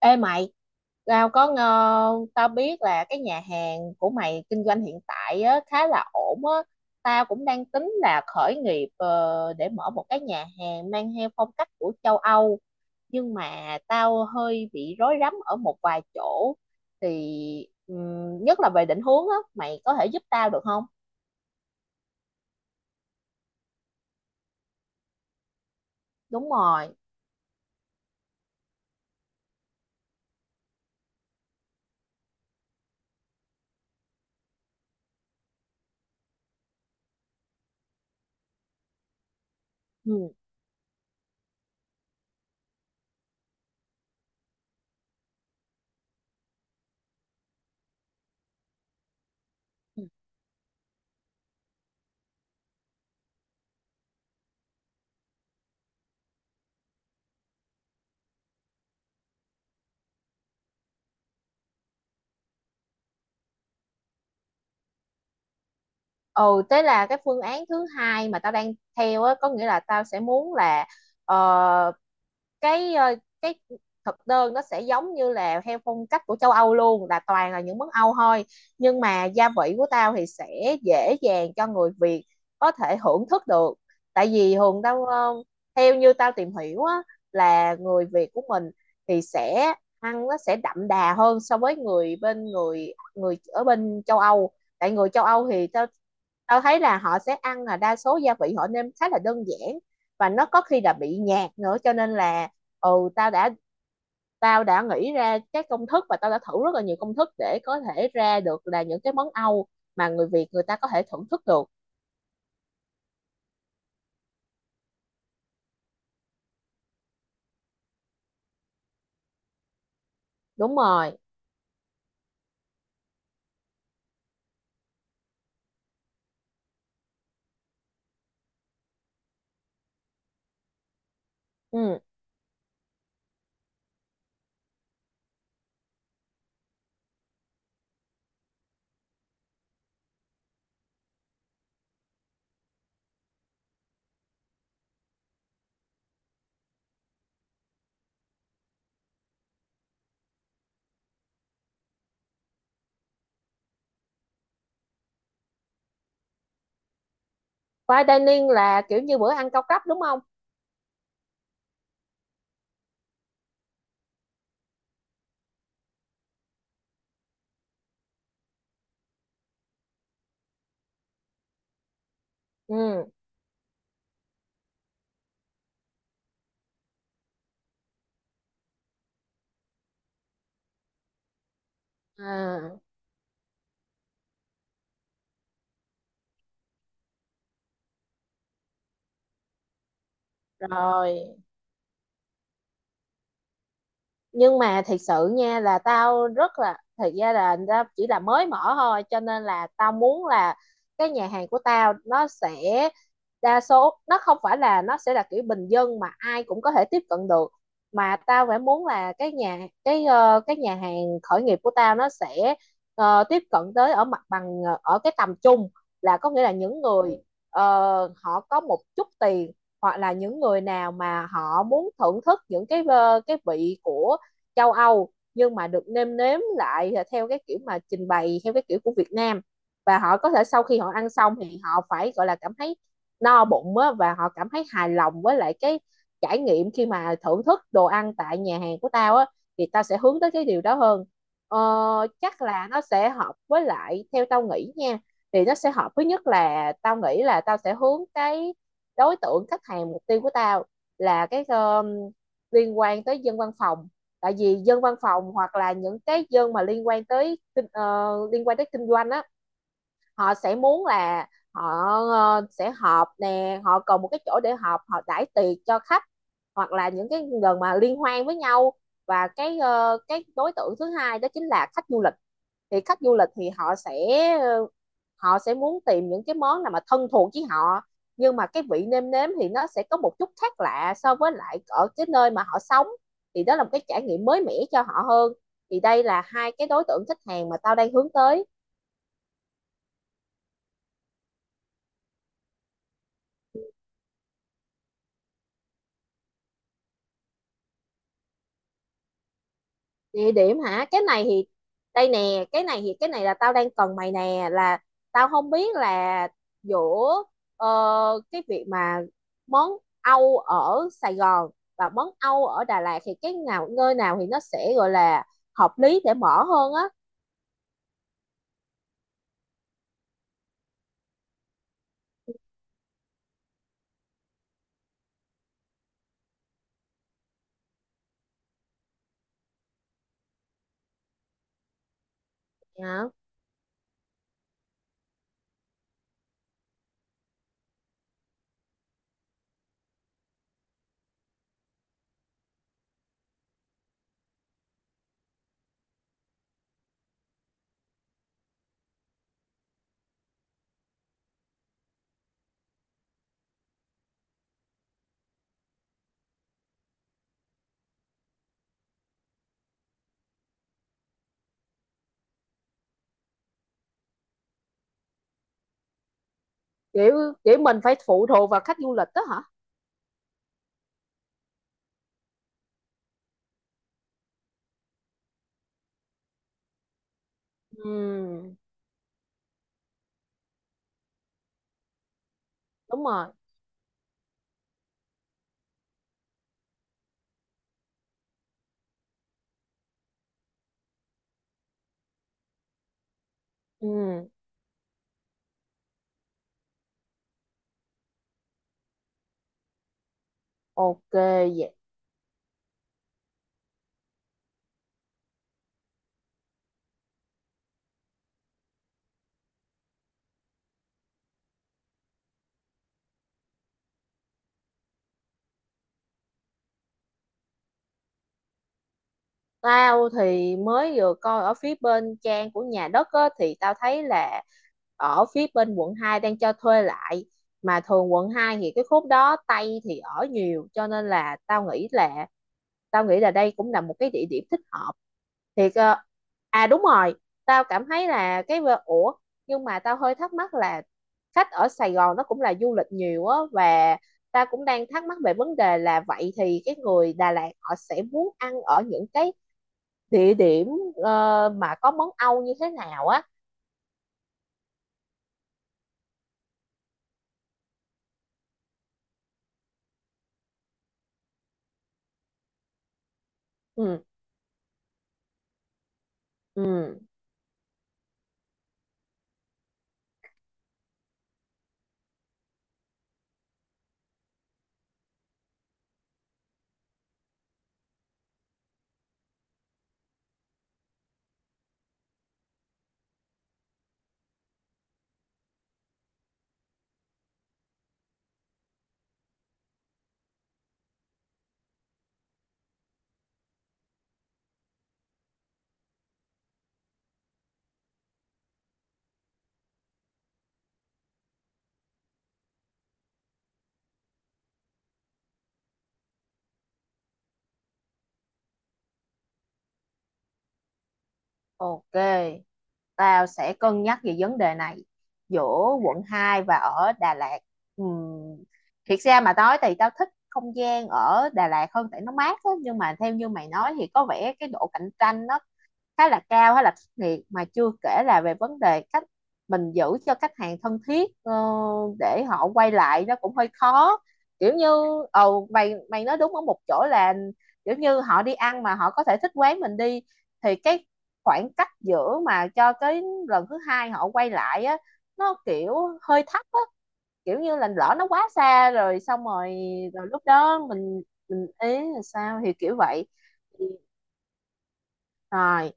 Ê mày, tao có ngờ, tao biết là cái nhà hàng của mày kinh doanh hiện tại á, khá là ổn á. Tao cũng đang tính là khởi nghiệp để mở một cái nhà hàng mang theo phong cách của châu Âu. Nhưng mà tao hơi bị rối rắm ở một vài chỗ. Thì nhất là về định hướng á, mày có thể giúp tao được không? Đúng rồi. Ừ. Ừ, thế là cái phương án thứ hai mà tao đang theo á, có nghĩa là tao sẽ muốn là ờ, cái ờ, cái thực đơn nó sẽ giống như là theo phong cách của châu Âu luôn, là toàn là những món Âu thôi, nhưng mà gia vị của tao thì sẽ dễ dàng cho người Việt có thể hưởng thức được. Tại vì thường theo như tao tìm hiểu á, là người Việt của mình thì sẽ ăn nó sẽ đậm đà hơn so với người ở bên châu Âu. Tại người châu Âu thì tao tao thấy là họ sẽ ăn, là đa số gia vị họ nêm khá là đơn giản và nó có khi là bị nhạt nữa, cho nên là ừ tao đã tao đã nghĩ ra các công thức và tao đã thử rất là nhiều công thức để có thể ra được là những cái món Âu mà người Việt người ta có thể thưởng thức được. Đúng rồi. Ừ. Fine dining là kiểu như bữa ăn cao cấp đúng không? Ừ. À, rồi. Nhưng mà thật sự nha, là tao rất là thật ra là tao chỉ là mới mở thôi, cho nên là tao muốn là cái nhà hàng của tao nó sẽ đa số nó không phải là nó sẽ là kiểu bình dân mà ai cũng có thể tiếp cận được, mà tao phải muốn là cái nhà hàng khởi nghiệp của tao nó sẽ tiếp cận tới ở mặt bằng ở cái tầm trung. Là có nghĩa là những người ờ, họ có một chút tiền, hoặc là những người nào mà họ muốn thưởng thức những cái vị của châu Âu nhưng mà được nêm nếm lại theo cái kiểu mà trình bày theo cái kiểu của Việt Nam, và họ có thể sau khi họ ăn xong thì họ phải gọi là cảm thấy no bụng á, và họ cảm thấy hài lòng với lại cái trải nghiệm khi mà thưởng thức đồ ăn tại nhà hàng của tao á. Thì tao sẽ hướng tới cái điều đó hơn. ờ, Chắc là nó sẽ hợp với lại, theo tao nghĩ nha, thì nó sẽ hợp với nhất, là tao nghĩ là tao sẽ hướng cái đối tượng khách hàng mục tiêu của tao là cái liên quan tới dân văn phòng. Tại vì dân văn phòng hoặc là những cái dân mà liên quan tới kinh doanh á, họ sẽ muốn là họ sẽ họp nè, họ cần một cái chỗ để họp, họ đãi tiệc cho khách hoặc là những cái gần mà liên hoan với nhau. Và cái đối tượng thứ hai đó chính là khách du lịch. Thì khách du lịch thì ờ, họ sẽ muốn tìm những cái món nào mà thân thuộc với họ nhưng mà cái vị nêm nếm thì nó sẽ có một chút khác lạ so với lại ở cái nơi mà họ sống. Thì đó là một cái trải nghiệm mới mẻ cho họ hơn. Thì đây là hai cái đối tượng khách hàng mà tao đang hướng tới. Địa điểm hả? Cái này thì đây nè, cái này là tao đang cần mày nè, là tao không biết là giữa ờ, cái việc mà món Âu ở Sài Gòn và món Âu ở Đà Lạt thì cái nào, nơi nào thì nó sẽ gọi là hợp lý để mở hơn á. Dạ. kiểu kiểu mình phải phụ thuộc vào khách du lịch đó hả? Ừ, đúng rồi. Ừ. OK, vậy. Tao thì mới vừa coi ở phía bên trang của nhà đất á, thì tao thấy là ở phía bên quận 2 đang cho thuê lại, mà thường quận 2 thì cái khúc đó Tây thì ở nhiều, cho nên là tao nghĩ là đây cũng là một cái địa điểm thích hợp. Thiệt à, đúng rồi. Tao cảm thấy là cái ủa, nhưng mà tao hơi thắc mắc là khách ở Sài Gòn nó cũng là du lịch nhiều á, và tao cũng đang thắc mắc về vấn đề là vậy thì cái người Đà Lạt họ sẽ muốn ăn ở những cái địa điểm mà có món Âu như thế nào á. Ừ. Ừ. OK, tao sẽ cân nhắc về vấn đề này, giữa quận 2 và ở Đà Lạt. Ừ. Thiệt ra mà nói thì tao thích không gian ở Đà Lạt hơn tại nó mát á, nhưng mà theo như mày nói thì có vẻ cái độ cạnh tranh nó khá là cao, khá là khắc nghiệt, mà chưa kể là về vấn đề cách mình giữ cho khách hàng thân thiết, để họ quay lại nó cũng hơi khó, kiểu như. Ồ, mày mày nói đúng ở một chỗ là kiểu như họ đi ăn mà họ có thể thích quán mình đi, thì cái khoảng cách giữa mà cho cái lần thứ hai họ quay lại á, nó kiểu hơi thấp á, kiểu như là lỡ nó quá xa rồi, xong rồi rồi lúc đó mình ý là sao thì kiểu vậy. Thì- Rồi.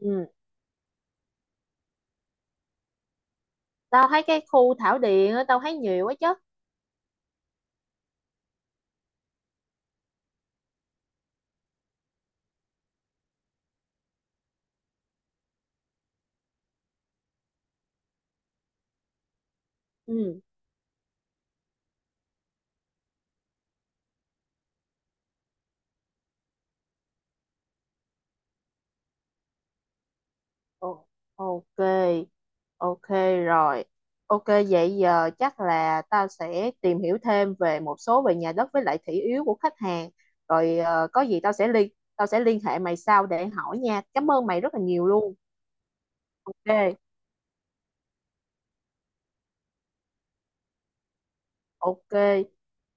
Ừ. Tao thấy cái khu Thảo Điền á, tao thấy nhiều quá chứ. Ừ. Ồ, OK. OK. Rồi. OK, vậy giờ chắc là tao sẽ tìm hiểu thêm về một số về nhà đất với lại thị yếu của khách hàng. Rồi, có gì tao sẽ liên hệ mày sau để hỏi nha. Cảm ơn mày rất là nhiều luôn. OK. OK,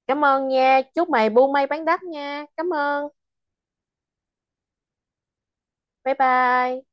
cảm ơn nha, chúc mày buôn may bán đắt nha. Cảm ơn. Bye bye.